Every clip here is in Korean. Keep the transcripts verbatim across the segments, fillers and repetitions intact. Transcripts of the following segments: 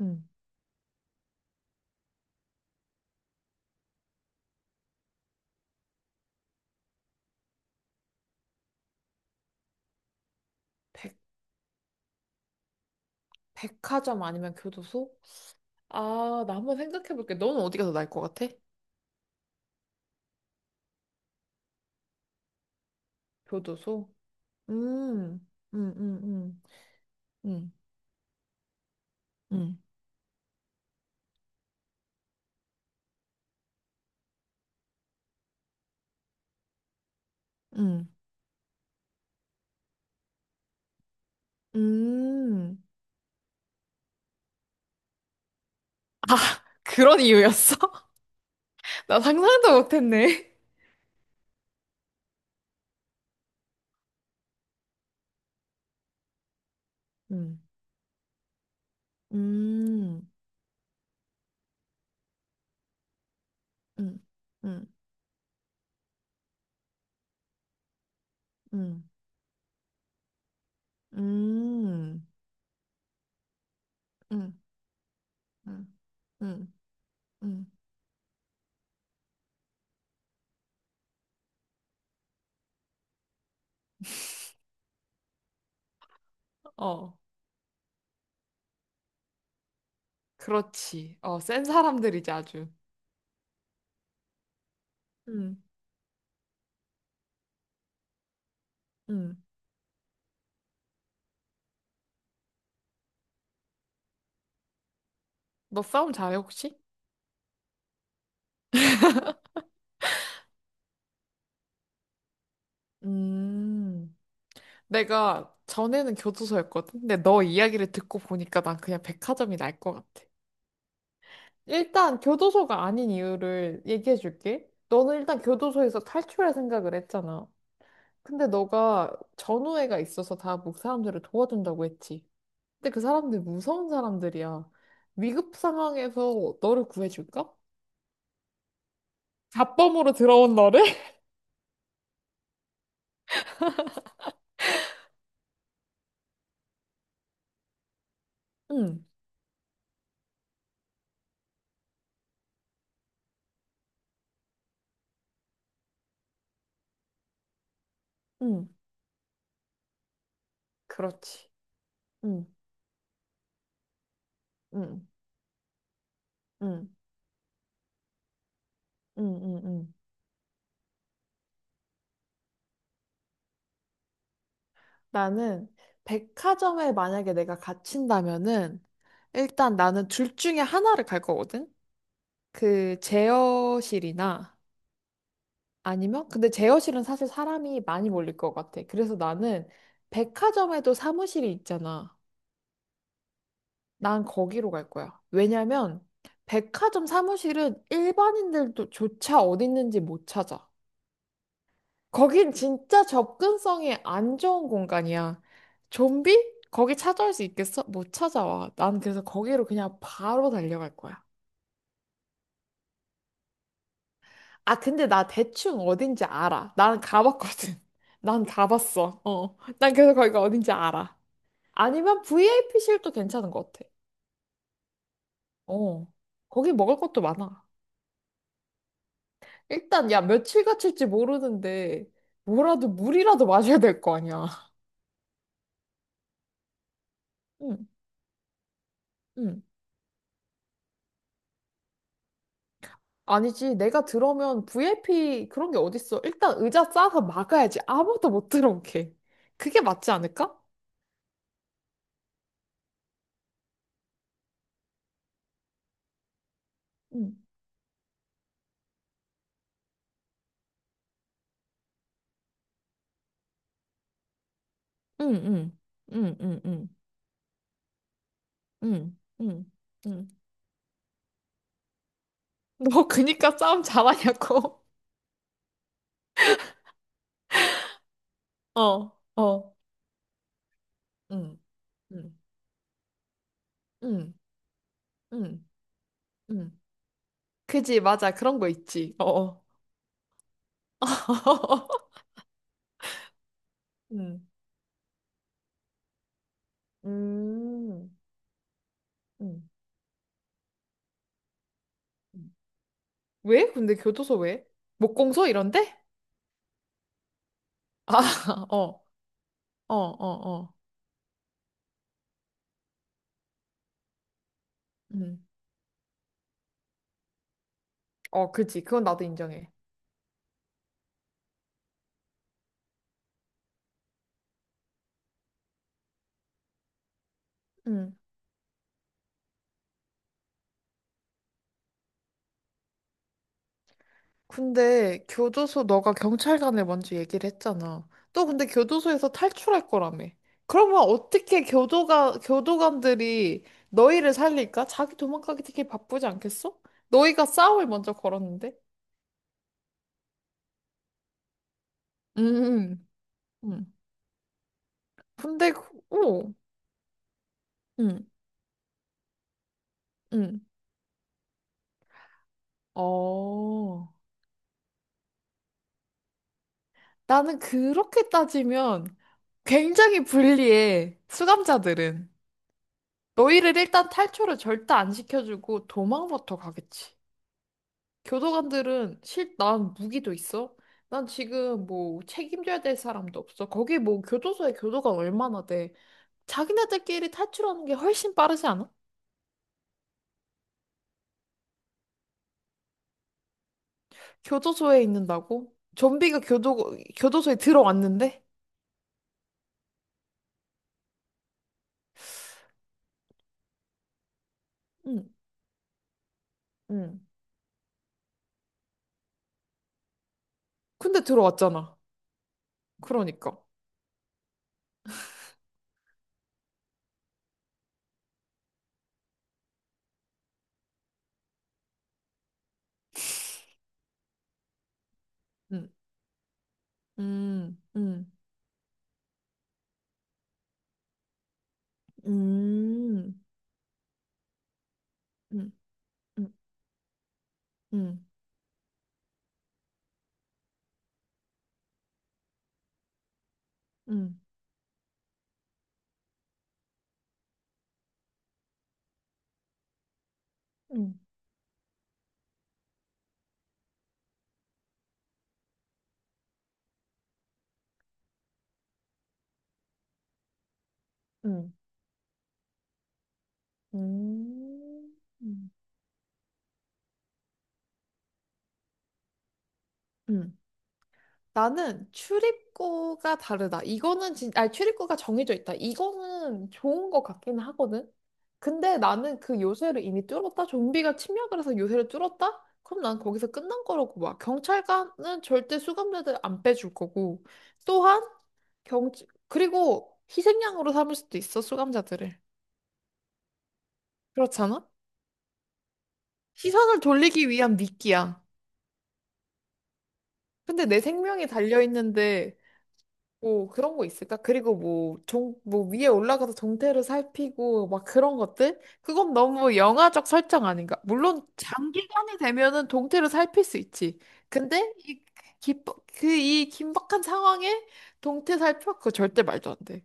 음. 백, 백화점 아니면 교도소? 아, 나 한번 생각해 볼게. 너는 어디가 더 나을 것 같아? 교도소? 음, 음, 음, 음, 음, 음, 음. 음. 아, 그런 이유였어? 나 상상도 못했네. 음, 음, 음, 음, 음, 음, 음, 음, 음, 음. 어, 그렇지. 어, 센 사람들이지, 아주. 음, 음. 너 싸움 잘해, 혹시? 음. 내가 전에는 교도소였거든. 근데 너 이야기를 듣고 보니까 난 그냥 백화점이 날 것 같아. 일단 교도소가 아닌 이유를 얘기해 줄게. 너는 일단 교도소에서 탈출할 생각을 했잖아. 근데 너가 전우애가 있어서 다 목 사람들을 도와준다고 했지. 근데 그 사람들 무서운 사람들이야. 위급 상황에서 너를 구해줄까? 자범으로 들어온 너를? 응, 응, 그렇지. 응, 응, 응, 응, 응, 응. 나는 백화점에 만약에 내가 갇힌다면은 일단 나는 둘 중에 하나를 갈 거거든? 그 제어실이나 아니면 근데 제어실은 사실 사람이 많이 몰릴 것 같아. 그래서 나는 백화점에도 사무실이 있잖아. 난 거기로 갈 거야. 왜냐면 백화점 사무실은 일반인들도 조차 어디 있는지 못 찾아. 거긴 진짜 접근성이 안 좋은 공간이야. 좀비? 거기 찾아올 수 있겠어? 못 찾아와. 난 그래서 거기로 그냥 바로 달려갈 거야. 아, 근데 나 대충 어딘지 알아. 난 가봤거든. 난 가봤어. 어. 난 그래서 거기가 어딘지 알아. 아니면 브이아이피실도 괜찮은 것 같아. 어. 거기 먹을 것도 많아. 일단, 야, 며칠 갇힐지 모르는데, 뭐라도 물이라도 마셔야 될 거 아니야. 응, 응. 아니지, 내가 들어오면 브이아이피 그런 게 어딨어. 일단 의자 싸서 막아야지. 아무도 못 들어오게. 그게 맞지 않을까? 응. 응, 응, 응, 응, 응, 응, 응, 응. 너 그니까 싸움 잘하냐고. 어, 어, 응, 응, 응, 응, 응. 그지, 맞아. 그런 거 있지. 어, 어. 응, 음, 응. 왜? 근데 교도소 왜? 목공소 이런데? 아, 어, 어, 어, 어. 응. 어, 그지. 그건 나도 인정해. 응. 근데 교도소 너가 경찰관을 먼저 얘기를 했잖아. 또 근데 교도소에서 탈출할 거라며. 그러면 어떻게 교도가, 교도관들이 너희를 살릴까? 자기 도망가기 되게 바쁘지 않겠어? 너희가 싸움을 먼저 걸었는데? 음, 응. 근데, 그- 오, 응, 응. 어. 나는 그렇게 따지면 굉장히 불리해. 수감자들은. 너희를 일단 탈출을 절대 안 시켜주고 도망부터 가겠지. 교도관들은 실, 난 무기도 있어. 난 지금 뭐 책임져야 될 사람도 없어. 거기 뭐 교도소에 교도관 얼마나 돼. 자기네들끼리 탈출하는 게 훨씬 빠르지 않아? 교도소에 있는다고? 좀비가 교도, 교도소에 들어왔는데? 응, 응. 근데 들어왔잖아. 그러니까. 응, 응, 응, 응, 응, 응, 응, 응, 응. 응. 음. 음. 나는 출입구가 다르다. 이거는 진, 아니, 출입구가 정해져 있다. 이거는 좋은 것 같기는 하거든. 근데 나는 그 요새를 이미 뚫었다. 좀비가 침략을 해서 요새를 뚫었다? 그럼 난 거기서 끝난 거라고 봐. 경찰관은 절대 수감자들 안 빼줄 거고. 또한 경, 그리고 희생양으로 삼을 수도 있어, 수감자들을. 그렇잖아? 시선을 돌리기 위한 미끼야. 근데 내 생명이 달려있는데 뭐 그런 거 있을까? 그리고 뭐종뭐 위에 올라가서 동태를 살피고 막 그런 것들? 그건 너무 영화적 설정 아닌가? 물론 장기간이 되면은 동태를 살필 수 있지. 근데 이 긴박 그이 긴박한 상황에 동태 살펴 그 절대 말도 안 돼.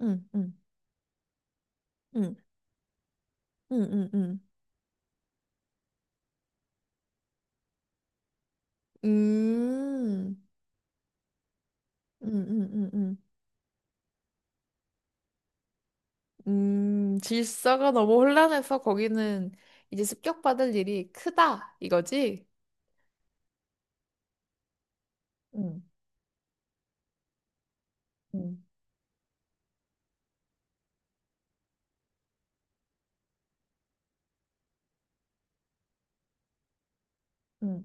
응응응응응응응응응응응응응응응응응응 음, 질서가 너무 혼란해서 거기는 이제 습격받을 일이 크다, 이거지? 응, 응, 응.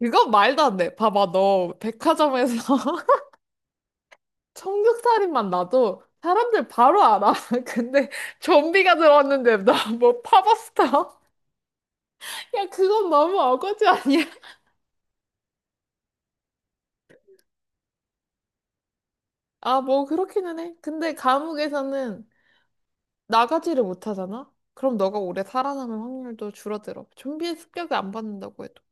이건 말도 안 돼. 봐봐, 너 백화점에서 청국살인만 놔도 사람들 바로 알아. 근데 좀비가 들어왔는데 나 뭐 파버스타? 야, 그건 너무 어거지 아니야? 아, 뭐 그렇기는 해. 근데 감옥에서는 나가지를 못하잖아? 그럼 너가 오래 살아남을 확률도 줄어들어. 좀비의 습격을 안 받는다고 해도.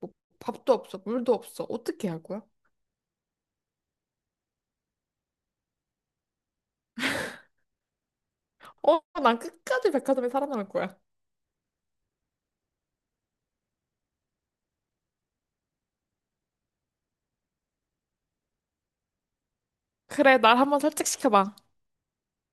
뭐 밥도 없어, 물도 없어. 어떻게 할 거야? 어, 난 끝까지 백화점에 살아남을 거야. 그래, 날 한번 설득시켜봐.